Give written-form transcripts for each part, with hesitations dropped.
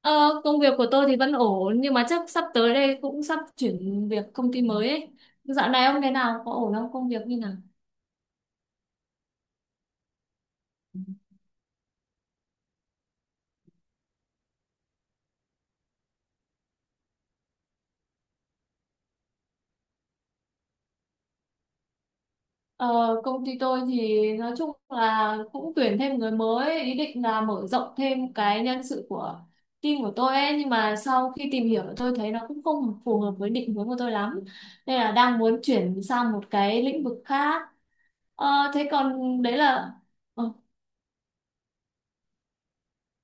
Ờ, Công việc của tôi thì vẫn ổn nhưng mà chắc sắp tới đây cũng sắp chuyển việc công ty mới ấy. Dạo này ông thế nào? Có ổn không? Công việc như nào? Ờ, Công ty tôi thì nói chung là cũng tuyển thêm người mới, ý định là mở rộng thêm cái nhân sự của team của tôi ấy, nhưng mà sau khi tìm hiểu tôi thấy nó cũng không phù hợp với định hướng của tôi lắm. Nên là đang muốn chuyển sang một cái lĩnh vực khác. Ờ, thế còn đấy là ờ,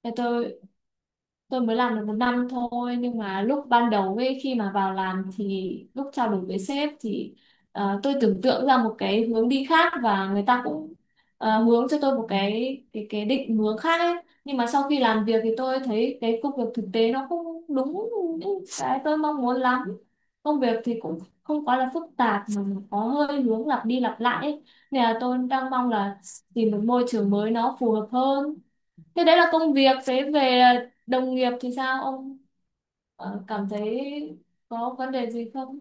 để tôi mới làm được một năm thôi, nhưng mà lúc ban đầu ấy khi mà vào làm thì lúc trao đổi với sếp thì tôi tưởng tượng ra một cái hướng đi khác và người ta cũng hướng cho tôi một cái định hướng khác ấy, nhưng mà sau khi làm việc thì tôi thấy cái công việc thực tế nó không đúng những cái tôi mong muốn lắm. Công việc thì cũng không quá là phức tạp mà có hơi hướng lặp đi lặp lại ấy. Nên là tôi đang mong là tìm một môi trường mới nó phù hợp hơn. Thế đấy là công việc, thế về đồng nghiệp thì sao ông cảm thấy có vấn đề gì không?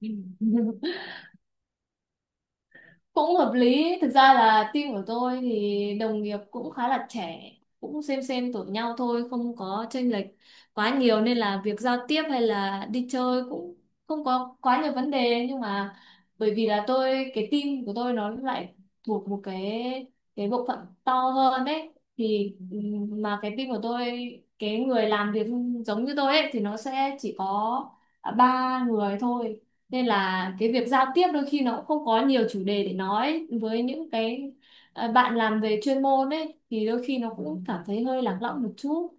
Cũng hợp lý. Thực ra là team của tôi thì đồng nghiệp cũng khá là trẻ, cũng xem tuổi nhau thôi, không có chênh lệch quá nhiều nên là việc giao tiếp hay là đi chơi cũng không có quá nhiều vấn đề. Nhưng mà bởi vì là cái team của tôi nó lại thuộc một cái bộ phận to hơn đấy, thì mà cái team của tôi, cái người làm việc giống như tôi ấy, thì nó sẽ chỉ có ba người thôi. Nên là cái việc giao tiếp đôi khi nó cũng không có nhiều chủ đề để nói với những cái bạn làm về chuyên môn ấy, thì đôi khi nó cũng cảm thấy hơi lạc lõng một chút.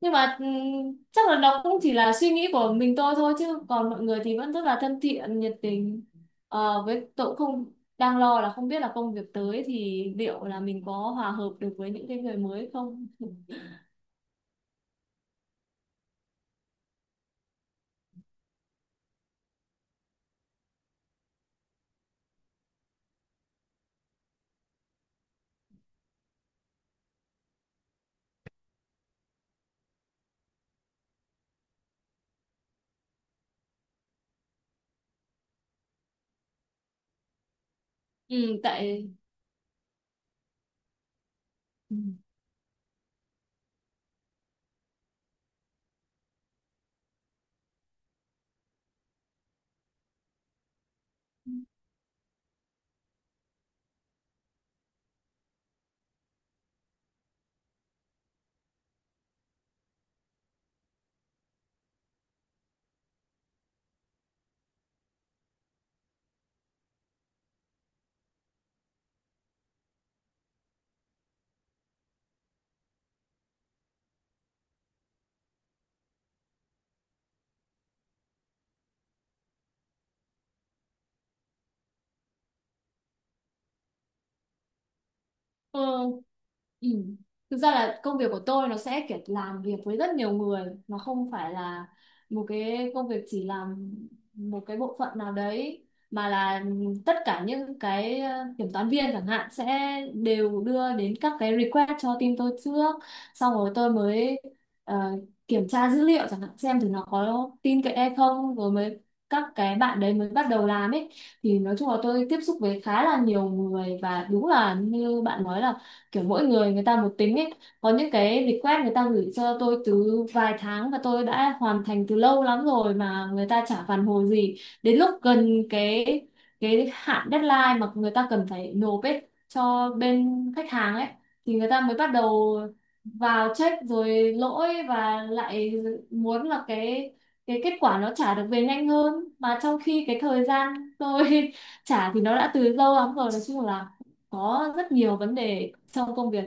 Nhưng mà chắc là nó cũng chỉ là suy nghĩ của mình tôi thôi, chứ còn mọi người thì vẫn rất là thân thiện nhiệt tình. Ờ, với tôi cũng không, đang lo là không biết là công việc tới thì liệu là mình có hòa hợp được với những cái người mới không. Ừ, tại ừ. Ờ, ừ. Thực ra là công việc của tôi nó sẽ kiểu làm việc với rất nhiều người, nó không phải là một cái công việc chỉ làm một cái bộ phận nào đấy, mà là tất cả những cái kiểm toán viên chẳng hạn sẽ đều đưa đến các cái request cho team tôi trước, xong rồi tôi mới ờ, kiểm tra dữ liệu chẳng hạn xem thử nó có tin cậy hay không, rồi mới các cái bạn đấy mới bắt đầu làm ấy. Thì nói chung là tôi tiếp xúc với khá là nhiều người và đúng là như bạn nói là kiểu mỗi người người ta một tính ấy. Có những cái request người ta gửi cho tôi từ vài tháng và tôi đã hoàn thành từ lâu lắm rồi mà người ta chả phản hồi gì. Đến lúc gần cái hạn deadline mà người ta cần phải nộp ấy cho bên khách hàng ấy, thì người ta mới bắt đầu vào check rồi lỗi và lại muốn là cái kết quả nó trả được về nhanh hơn, mà trong khi cái thời gian tôi trả thì nó đã từ lâu lắm rồi. Nói chung là có rất nhiều vấn đề trong công việc,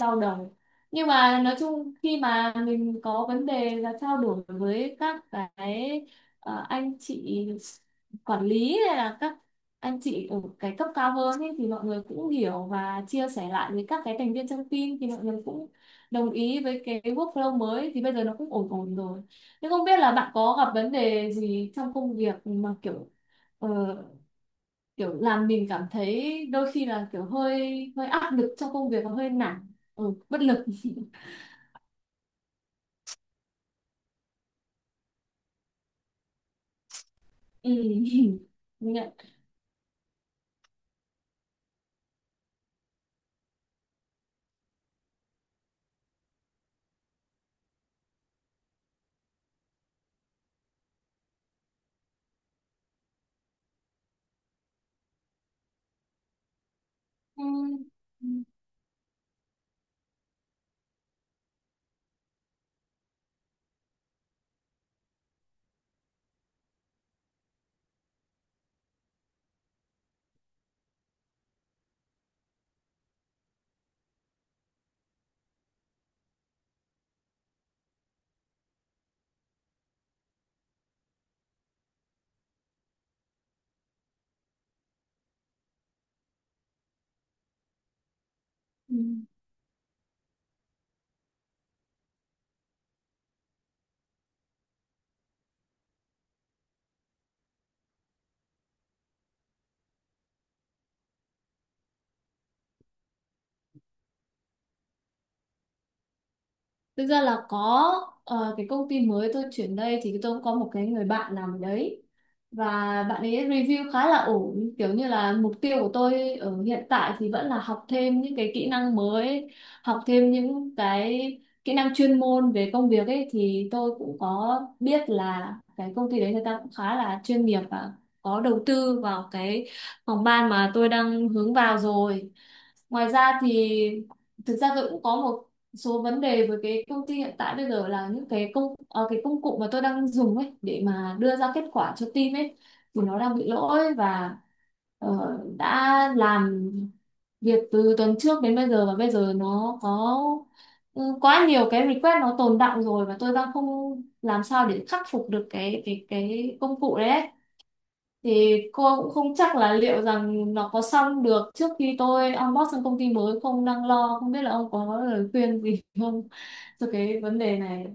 đau đầu. Nhưng mà nói chung khi mà mình có vấn đề là trao đổi với các cái anh chị quản lý hay là các anh chị ở cái cấp cao hơn ý, thì mọi người cũng hiểu và chia sẻ lại với các cái thành viên trong team, thì mọi người cũng đồng ý với cái workflow mới thì bây giờ nó cũng ổn ổn rồi. Nhưng không biết là bạn có gặp vấn đề gì trong công việc mà kiểu ờ, kiểu làm mình cảm thấy đôi khi là kiểu hơi hơi áp lực trong công việc và hơi nản, ừ, bất lực. Ừ. Nhận. Ừ. Ừ. Thực ra là có. Cái công ty mới tôi chuyển đây thì tôi cũng có một cái người bạn làm ở đấy, và bạn ấy review khá là ổn. Kiểu như là mục tiêu của tôi ở hiện tại thì vẫn là học thêm những cái kỹ năng mới, học thêm những cái kỹ năng chuyên môn về công việc ấy, thì tôi cũng có biết là cái công ty đấy người ta cũng khá là chuyên nghiệp và có đầu tư vào cái phòng ban mà tôi đang hướng vào rồi. Ngoài ra thì thực ra tôi cũng có một số vấn đề với cái công ty hiện tại. Bây giờ là những cái cái công cụ mà tôi đang dùng ấy để mà đưa ra kết quả cho team ấy, thì nó đang bị lỗi và ờ, đã làm việc từ tuần trước đến bây giờ và bây giờ nó có quá nhiều cái request nó tồn đọng rồi, và tôi đang không làm sao để khắc phục được cái công cụ đấy ấy. Thì cô cũng không chắc là liệu rằng nó có xong được trước khi tôi onboard sang công ty mới không. Đang lo không biết là ông có lời khuyên gì không cho cái vấn đề này.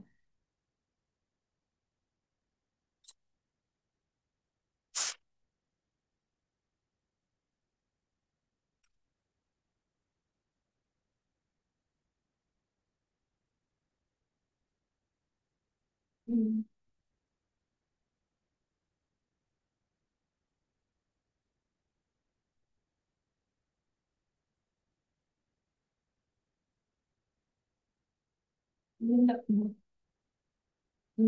Ừ. Linh động. Ừ.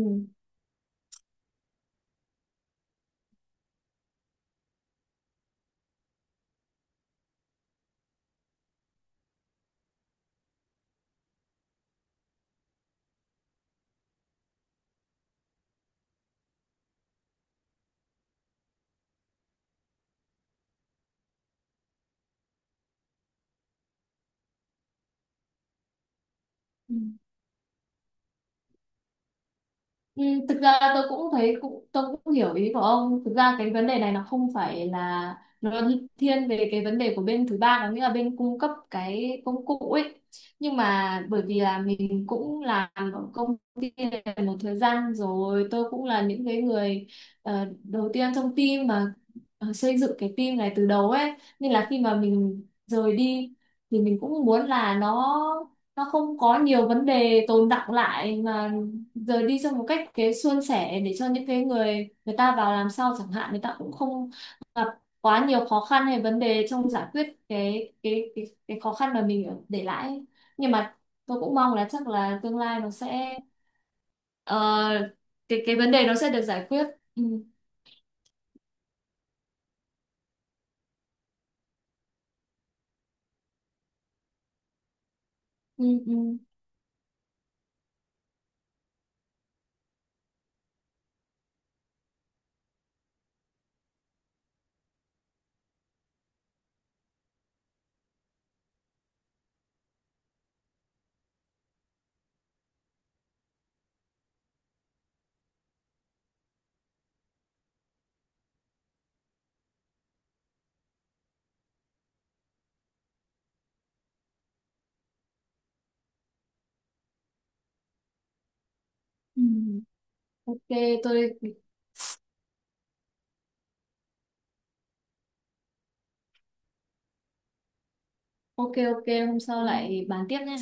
Ừ. Ừ, thực ra tôi cũng thấy tôi cũng hiểu ý của ông. Thực ra cái vấn đề này nó không phải là nó thiên về cái vấn đề của bên thứ ba, có nghĩa là bên cung cấp cái công cụ ấy. Nhưng mà bởi vì là mình cũng làm ở công ty này một thời gian rồi, tôi cũng là những cái người đầu tiên trong team mà xây dựng cái team này từ đầu ấy, nên là khi mà mình rời đi thì mình cũng muốn là nó không có nhiều vấn đề tồn đọng lại, mà rồi đi trong một cách cái suôn sẻ để cho những cái người người ta vào làm sao chẳng hạn, người ta cũng không gặp quá nhiều khó khăn hay vấn đề trong giải quyết cái khó khăn mà mình để lại ấy. Nhưng mà tôi cũng mong là chắc là tương lai nó sẽ ờ, cái vấn đề nó sẽ được giải quyết. Ừ, ừ, ừ. Ừ. Ok tôi ok. Ok, hôm sau lại bàn tiếp nhé.